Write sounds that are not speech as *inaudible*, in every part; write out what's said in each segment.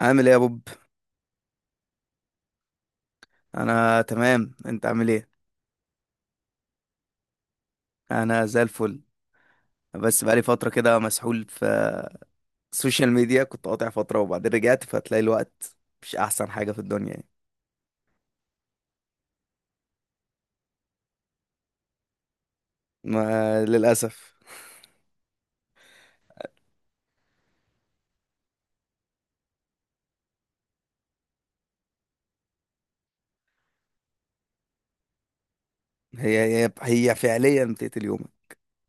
عامل ايه يا بوب؟ انا تمام. انت عامل ايه؟ انا زي الفل. بس بقالي فتره كده مسحول في السوشيال ميديا، كنت قاطع فتره وبعدين رجعت، فتلاقي الوقت مش احسن حاجه في الدنيا يعني. ما للاسف. هي هي هي فعليا بتقتل يومك.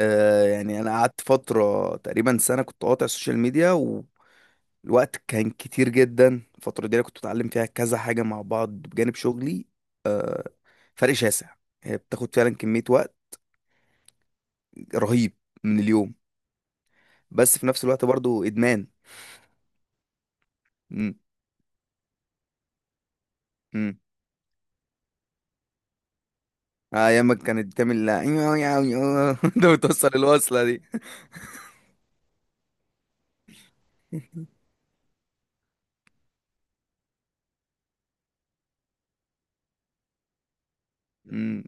آه يعني انا قعدت فتره تقريبا سنه كنت قاطع السوشيال ميديا والوقت كان كتير جدا. الفتره دي أنا كنت بتعلم فيها كذا حاجه مع بعض بجانب شغلي. فرق شاسع. هي بتاخد فعلا كميه وقت رهيب من اليوم. بس في نفس الوقت برضو ادمان. امم. امم. آه، ايام ما كانت بتعمل لا. *laughs* ده بتوصل الوصله دي. امم.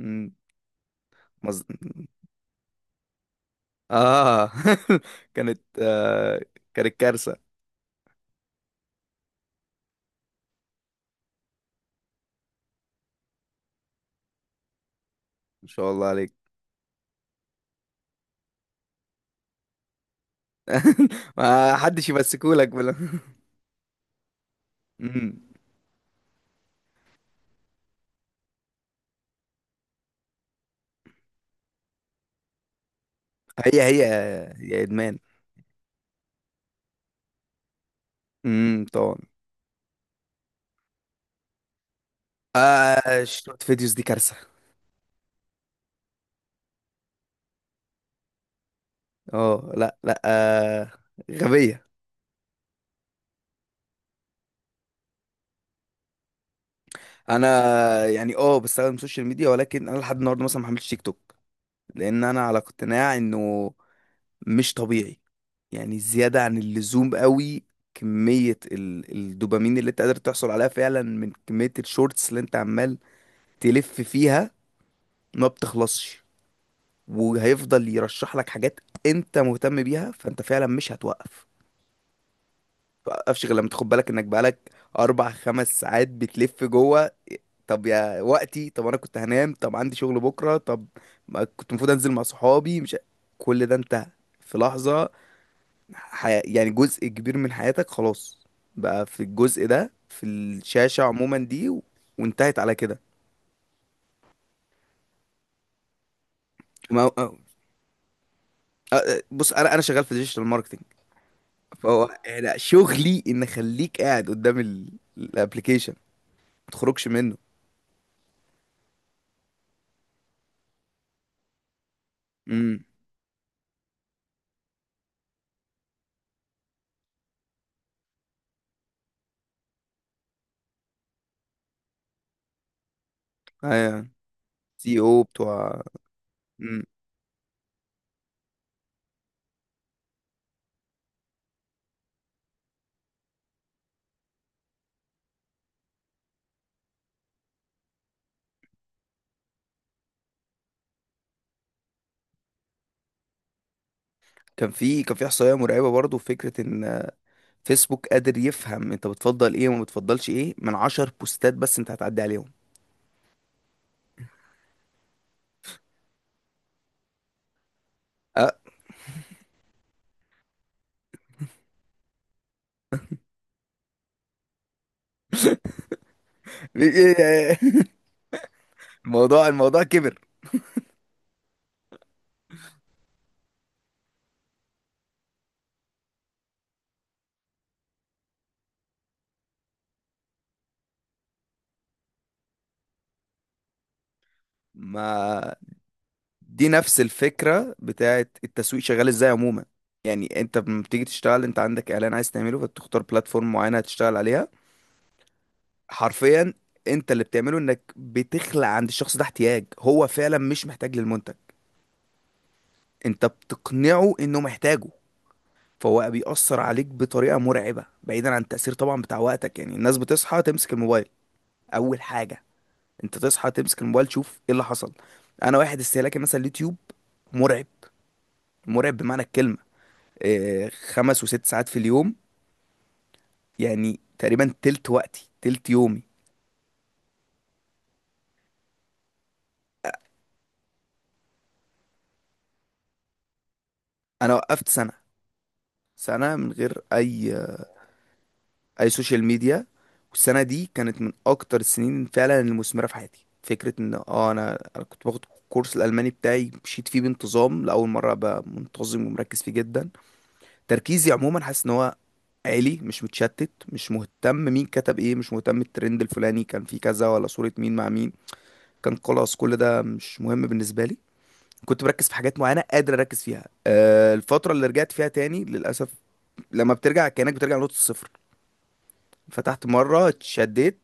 امم. مظ... اه. *laughs* كانت آه كانت كارثه. ما شاء الله عليك. *laughs* ما حدش يمسكولك بلا. امم. هي هي هي ادمان. امم، طبعا. آه، شورت فيديوز دي كارثه. اه، لا لا، آه. غبيه. انا يعني بستخدم السوشيال ميديا، ولكن انا لحد النهارده مثلا ما حملتش تيك توك. لان انا على اقتناع انه مش طبيعي، يعني زيادة عن اللزوم قوي. كمية الدوبامين اللي انت قادر تحصل عليها فعلا من كمية الشورتس اللي انت عمال تلف فيها، ما بتخلصش. وهيفضل يرشح لك حاجات انت مهتم بيها، فانت فعلا مش هتوقف. متوقفش غير لما تاخد بالك انك بقالك اربع خمس ساعات بتلف جوه. طب يا وقتي، طب انا كنت هنام، طب عندي شغل بكرة، طب ما كنت المفروض انزل مع صحابي، مش ع-. كل ده انت في لحظة، حي... يعني جزء كبير من حياتك خلاص بقى في الجزء ده، في الشاشة عموما، دي و... وانتهت على كده. ما... أه، أه، آه، بص، انا شغال في ديجيتال ماركتنج. فهو أنا شغلي ان اخليك قاعد قدام الابليكيشن، ما تخرجش منه. امم. ايوه، سي او بتوع. امم. كان في احصائيه مرعبه برضو. في فكره ان فيسبوك قادر يفهم انت بتفضل ايه وما بتفضلش ايه من 10 بوستات بس انت هتعدي عليهم. أه. *laughs* الموضوع كبر. ما دي نفس الفكرة بتاعت التسويق شغال ازاي عموما. يعني انت لما بتيجي تشتغل، انت عندك اعلان عايز تعمله، فبتختار بلاتفورم معينة هتشتغل عليها. حرفيا، انت اللي بتعمله انك بتخلق عند الشخص ده احتياج هو فعلا مش محتاج للمنتج، انت بتقنعه انه محتاجه. فهو بقى بيأثر عليك بطريقة مرعبة، بعيدا عن التأثير طبعا بتاع وقتك. يعني الناس بتصحى تمسك الموبايل اول حاجة، انت تصحى تمسك الموبايل تشوف ايه اللي حصل. انا واحد استهلاكي مثلا اليوتيوب، مرعب، مرعب بمعنى الكلمة. آه، خمس وست ساعات في اليوم، يعني تقريبا تلت وقتي، تلت يومي. انا وقفت سنة، سنة من غير اي اي سوشيال ميديا. والسنة دي كانت من اكتر السنين فعلا المثمرة في حياتي. فكرة ان انا كنت باخد الكورس الالماني بتاعي، مشيت فيه بانتظام لاول مرة ابقى منتظم ومركز فيه جدا. تركيزي عموما حاسس ان هو عالي، مش متشتت، مش مهتم مين كتب ايه، مش مهتم الترند الفلاني كان فيه كذا ولا صورة مين مع مين. كان خلاص كل ده مش مهم بالنسبة لي. كنت بركز في حاجات معينه قادر اركز فيها. الفتره اللي رجعت فيها تاني للاسف، لما بترجع كانك بترجع لنقطه الصفر. فتحت مره اتشديت.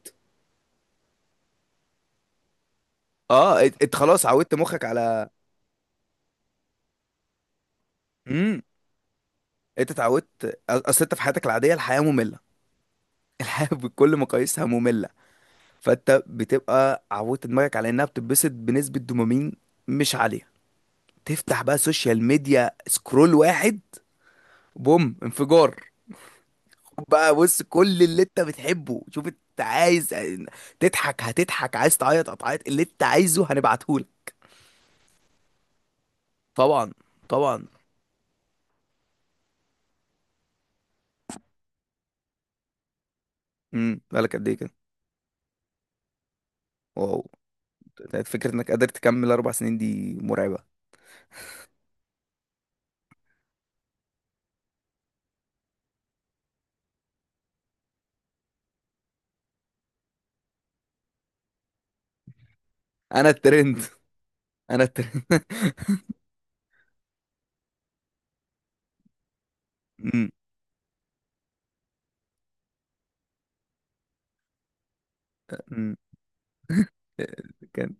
اه، انت خلاص عودت مخك على. امم. انت اتعودت. اصل انت في حياتك العاديه الحياه ممله. الحياه *laughs* بكل مقاييسها ممله. فانت بتبقى عودت دماغك على انها بتتبسط بنسبه دوبامين مش عاليه. تفتح بقى سوشيال ميديا، سكرول واحد، بوم، انفجار. بقى بص كل اللي انت بتحبه، شوف انت عايز تضحك هتضحك، عايز تعيط هتعيط، اللي انت عايزه هنبعتهولك. طبعا. طبعا. امم، بالك قد ايه كده. واو. فكرة انك قادر تكمل 4 سنين دي مرعبة. انا الترند، انا الترند. *laughs* امم. امم. كان.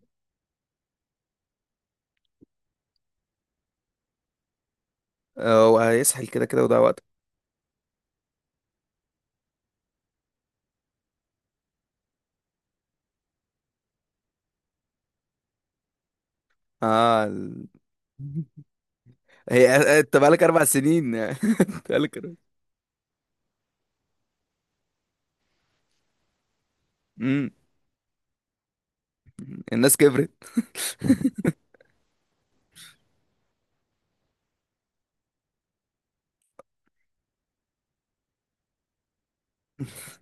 اه، هو هيسحل كده كده وده وقت. اه، ال... *laughs* هي انت بقالك 4 سنين، *laughs* انت بقالك اربع. امم. الناس كبرت.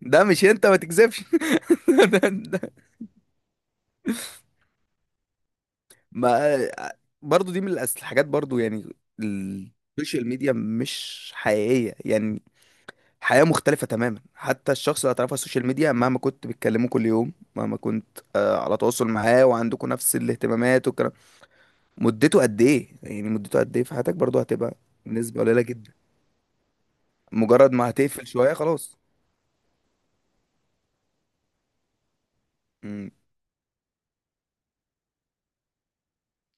ده مش انت ما تكذبش. *laughs* ده, ده. ما برضو دي من الحاجات برضو يعني، السوشيال ميديا مش حقيقية يعني. حياة مختلفة تماما. حتى الشخص اللي هتعرفه على السوشيال ميديا مهما كنت بتكلمه كل يوم، مهما كنت على تواصل معاه وعندكم نفس الاهتمامات والكلام، مدته قد ايه يعني مدته قد ايه في حياتك برضو؟ هتبقى نسبة قليلة جدا. مجرد ما هتقفل شوية خلاص. مم.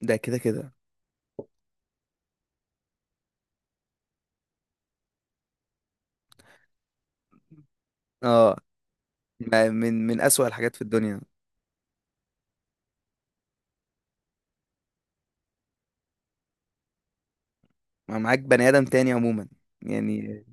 ده كده كده. اه، من أسوأ الحاجات في الدنيا، ما معاك بني آدم تاني عموما. يعني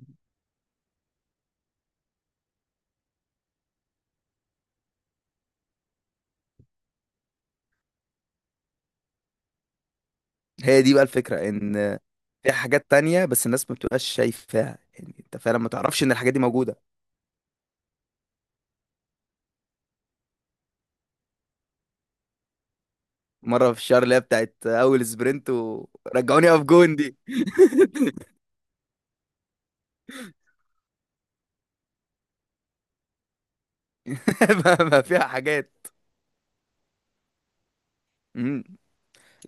هي دي بقى الفكرة، ان في حاجات تانية بس الناس ما بتبقاش شايفاها. يعني انت فعلا ما تعرفش ان الحاجات دي موجودة. مرة في الشهر اللي هي بتاعت اول سبرنت ورجعوني اقف جون دي. *laughs* ما فيها حاجات. مم.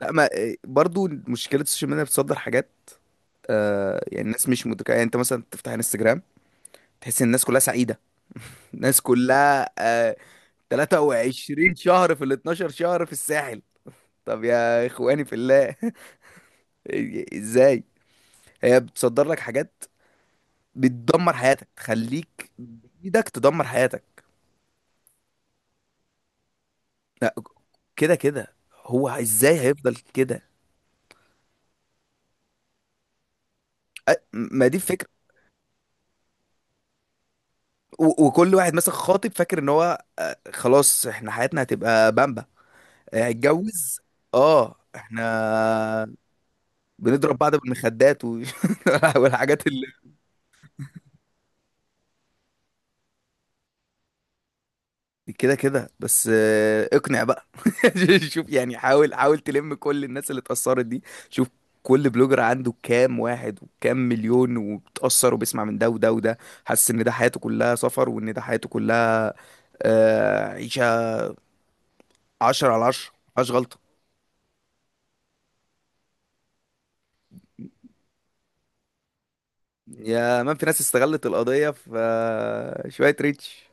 لا، ما برضو مشكلة السوشيال ميديا بتصدر حاجات. آه يعني الناس مش مدركة. يعني انت مثلا تفتح انستجرام، تحس ان الناس كلها سعيدة، الناس كلها 23 شهر في ال 12 شهر في الساحل. طب يا اخواني في الله، *laughs* ازاي؟ هي بتصدر لك حاجات بتدمر حياتك، تخليك بايدك تدمر حياتك. لا، كده كده هو ازاي هيفضل كده. ما دي الفكره. وكل واحد مثلا خاطب فاكر ان هو خلاص احنا حياتنا هتبقى بامبا. هيتجوز. اه، احنا بنضرب بعض بالمخدات *laughs* والحاجات. كده كده بس اقنع بقى. *laughs* شوف يعني، حاول حاول تلم كل الناس اللي اتأثرت دي. شوف، كل بلوجر عنده كام واحد وكام مليون وبتأثر وبيسمع من ده وده وده، حاسس ان ده حياته كلها سفر، وان ده حياته كلها عيشة عشرة على عشرة مفيهاش غلطة. يا مان في ناس استغلت القضية في شوية ريتش.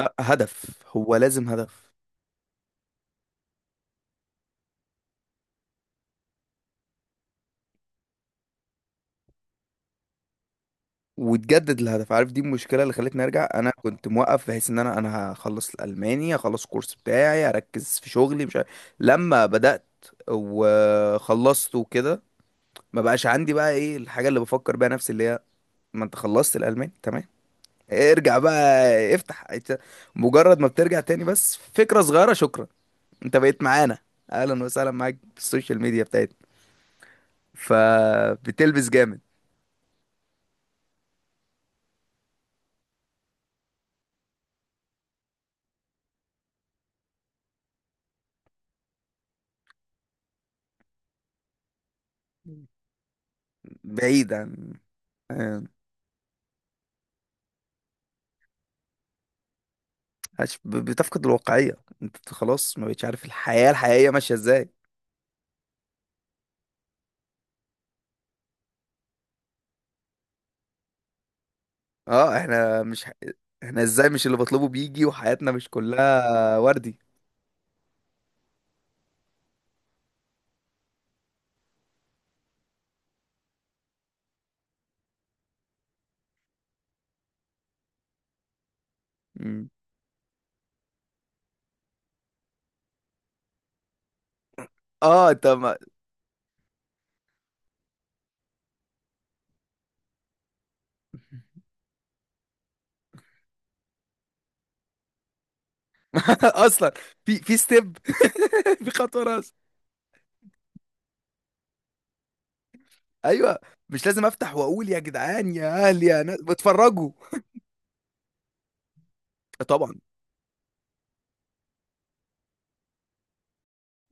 آه، هدف، هو لازم هدف. وتجدد الهدف، عارف؟ دي المشكله اللي خلتني ارجع. انا كنت موقف بحيث ان انا هخلص الالماني، هخلص الكورس بتاعي، هركز في شغلي مش عارف. لما بدات وخلصت وكده، ما بقاش عندي بقى ايه الحاجه اللي بفكر بيها نفسي، اللي هي ما انت خلصت الالماني تمام، ارجع بقى، افتح إنت. مجرد ما بترجع تاني بس، فكره صغيره، شكرا انت بقيت معانا، اهلا وسهلا معاك في السوشيال ميديا بتاعتنا. فبتلبس جامد. بعيد عن آه، بتفقد الواقعية. انت خلاص ما بقتش عارف الحياة الحقيقية ماشية ازاي. اه، احنا مش ح... احنا ازاي مش اللي بطلبه بيجي وحياتنا مش كلها وردي. مم. اه، انت ما... *laughs* اصلا في ستيب، *laughs* في خطوة راس. ايوه، مش لازم افتح واقول يا جدعان يا اهل يا ناس بتفرجوا. طبعا.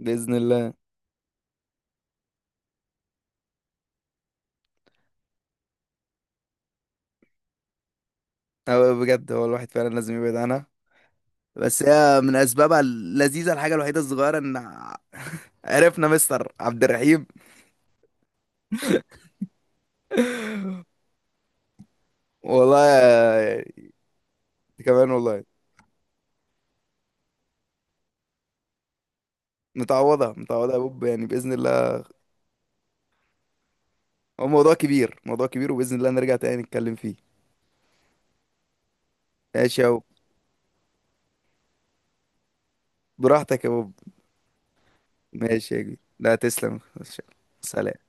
بإذن الله. هو بجد، هو الواحد فعلا لازم يبعد عنها. بس هي من اسبابها اللذيذة الحاجة الوحيدة الصغيرة ان *laughs* عرفنا مستر عبد الرحيم. والله يا-. انت كمان والله. متعوضة، متعوضة يا بوب يعني بإذن الله. هو موضوع كبير، موضوع كبير، وبإذن الله نرجع تاني نتكلم فيه. ماشي يا بوب، براحتك يا بوب. ماشي يا كبير، لا تسلم. سلام.